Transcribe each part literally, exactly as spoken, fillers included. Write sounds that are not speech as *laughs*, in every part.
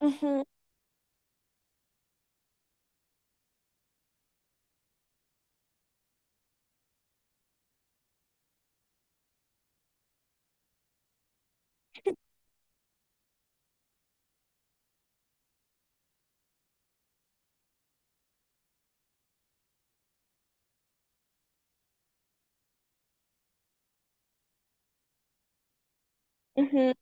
Ujú, ujú.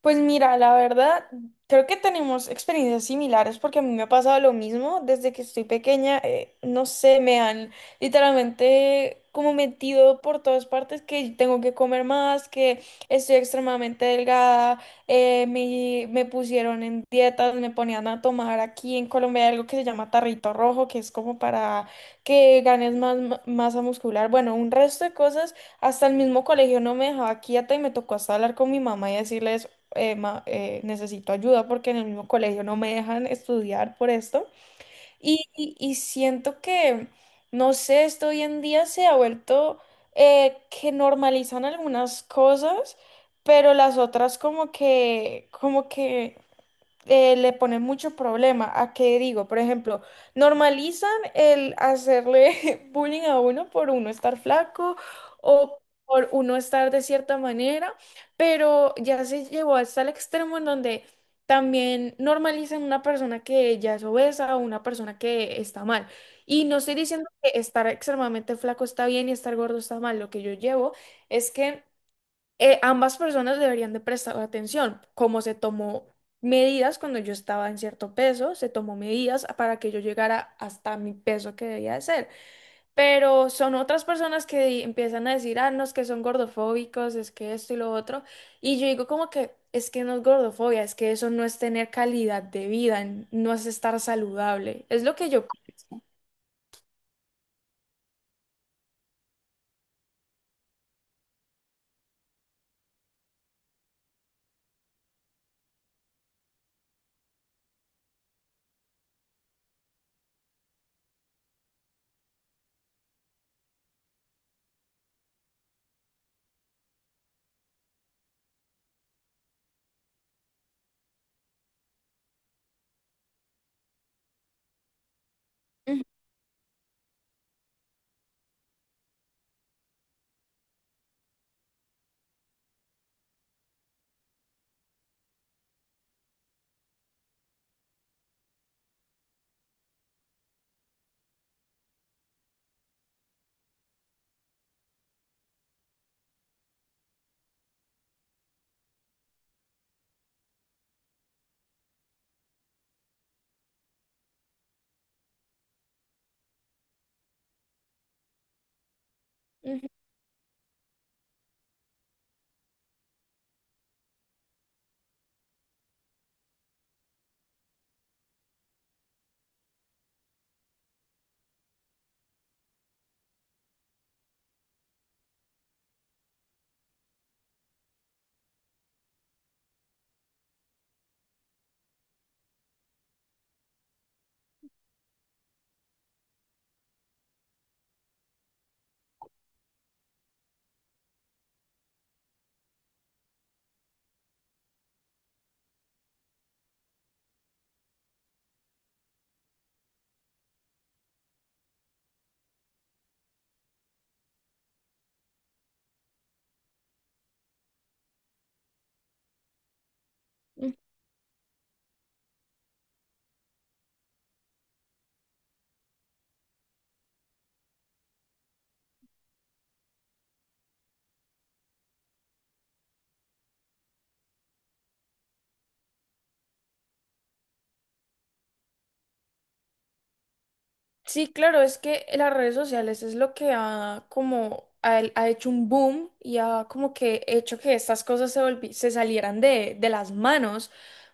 Pues mira, la verdad, creo que tenemos experiencias similares porque a mí me ha pasado lo mismo desde que estoy pequeña. Eh, no sé, me han literalmente como metido por todas partes que tengo que comer más, que estoy extremadamente delgada. eh, me, me pusieron en dietas, me ponían a tomar aquí en Colombia algo que se llama tarrito rojo, que es como para que ganes más ma- masa muscular. Bueno, un resto de cosas. Hasta el mismo colegio no me dejaba quieta y me tocó hasta hablar con mi mamá y decirle eh, ma- eh, necesito ayuda porque en el mismo colegio no me dejan estudiar por esto. Y, y- y siento que, no sé, esto hoy en día se ha vuelto eh, que normalizan algunas cosas, pero las otras como que, como que eh, le ponen mucho problema. ¿A qué digo? Por ejemplo, normalizan el hacerle *laughs* bullying a uno por uno estar flaco o por uno estar de cierta manera, pero ya se llevó hasta el extremo en donde también normalizan una persona que ya es obesa o una persona que está mal. Y no estoy diciendo que estar extremadamente flaco está bien y estar gordo está mal. Lo que yo llevo es que eh, ambas personas deberían de prestar atención, como se tomó medidas cuando yo estaba en cierto peso, se tomó medidas para que yo llegara hasta mi peso que debía de ser. Pero son otras personas que di- empiezan a decir, ah, no, es que son gordofóbicos, es que esto y lo otro. Y yo digo como que es que no es gordofobia, es que eso no es tener calidad de vida, n- no es estar saludable. Es lo que yo... Ujú, ujú. Sí, claro, es que las redes sociales es lo que ha como ha, ha hecho un boom y ha como que hecho que estas cosas se volvi- se salieran de, de las manos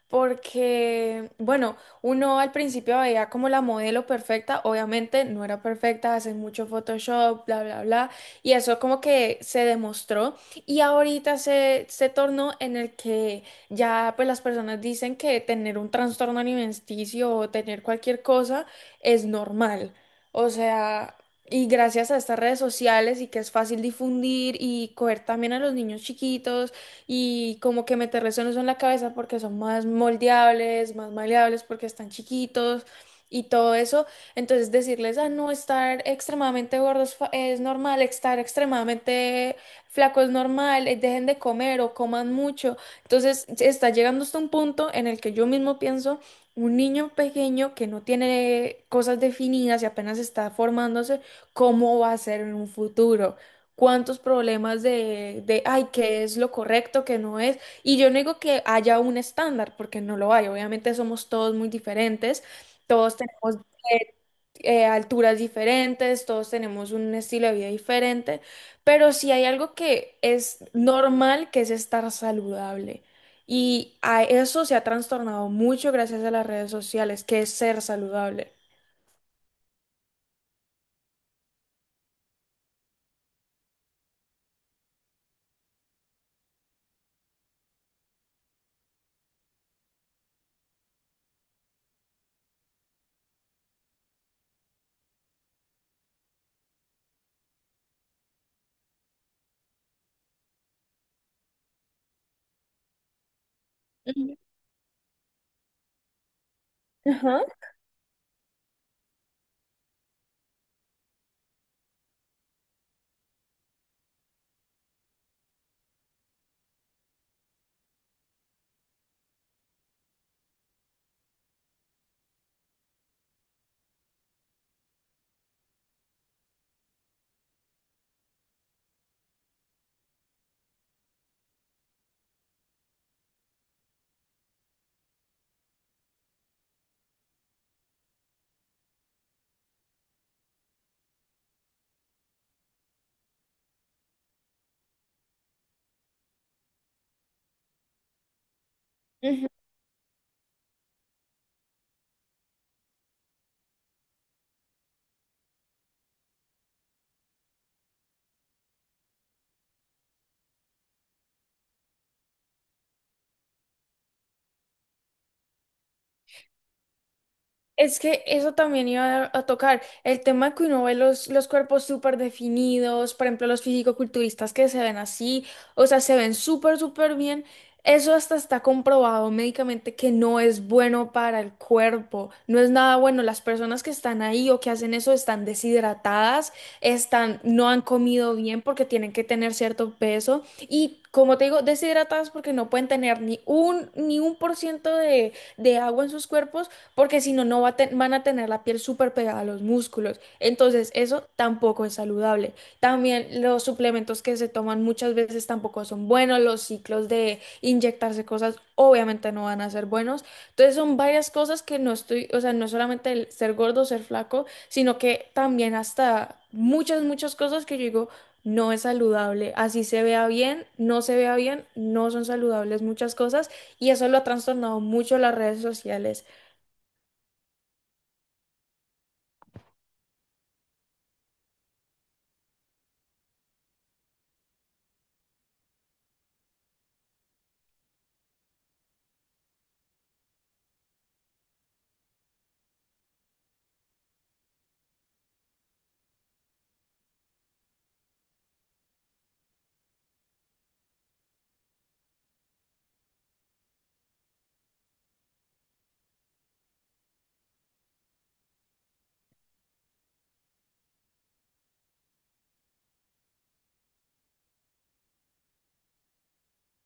porque, bueno, uno al principio veía como la modelo perfecta, obviamente no era perfecta, hacen mucho Photoshop, bla, bla, bla, y eso como que se demostró y ahorita se, se tornó en el que ya pues las personas dicen que tener un trastorno alimenticio o tener cualquier cosa es normal, o sea... Y gracias a estas redes sociales y que es fácil difundir y coger también a los niños chiquitos y como que meter resortes en la cabeza porque son más moldeables, más maleables porque están chiquitos y todo eso. Entonces decirles, ah, no, estar extremadamente gordos fa- es normal, estar extremadamente flaco es normal, eh, dejen de comer o coman mucho. Entonces se está llegando hasta un punto en el que yo mismo pienso, un niño pequeño que no tiene cosas definidas y apenas está formándose, ¿cómo va a ser en un futuro? ¿Cuántos problemas de, de, ay, qué es lo correcto, qué no es? Y yo no digo que haya un estándar, porque no lo hay. Obviamente somos todos muy diferentes, todos tenemos eh, alturas diferentes, todos tenemos un estilo de vida diferente, pero si hay algo que es normal, que es estar saludable. Y a eso se ha trastornado mucho gracias a las redes sociales, que es ser saludable. Ujú. Es que eso también iba a, tocar. El tema que uno ve los, los cuerpos súper definidos, por ejemplo, los fisicoculturistas que se ven así, o sea, se ven súper, súper bien. Eso hasta está comprobado médicamente que no es bueno para el cuerpo, no es nada bueno. Las personas que están ahí o que hacen eso están deshidratadas, están, no han comido bien porque tienen que tener cierto peso y, como te digo, deshidratadas porque no pueden tener ni un, ni un por ciento de de agua en sus cuerpos porque si no, no va a te- van a tener la piel súper pegada a los músculos. Entonces, eso tampoco es saludable. También los suplementos que se toman muchas veces tampoco son buenos, los ciclos de inyectarse cosas obviamente no van a ser buenos. Entonces, son varias cosas que no estoy, o sea, no es solamente el ser gordo, ser flaco, sino que también hasta muchas, muchas cosas que yo digo. No es saludable, así se vea bien, no se vea bien, no son saludables muchas cosas y eso lo ha trastornado mucho las redes sociales.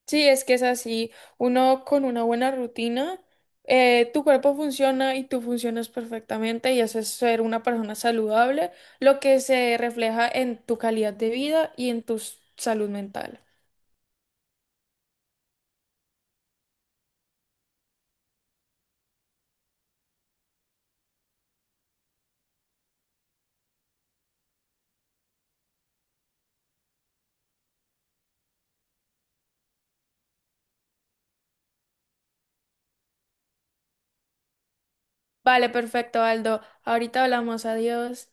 Sí, es que es así. Uno con una buena rutina, eh, tu cuerpo funciona y tú funcionas perfectamente y haces ser una persona saludable, lo que se refleja en tu calidad de vida y en tu s- salud mental. Vale, perfecto, Aldo. Ahorita hablamos. Adiós.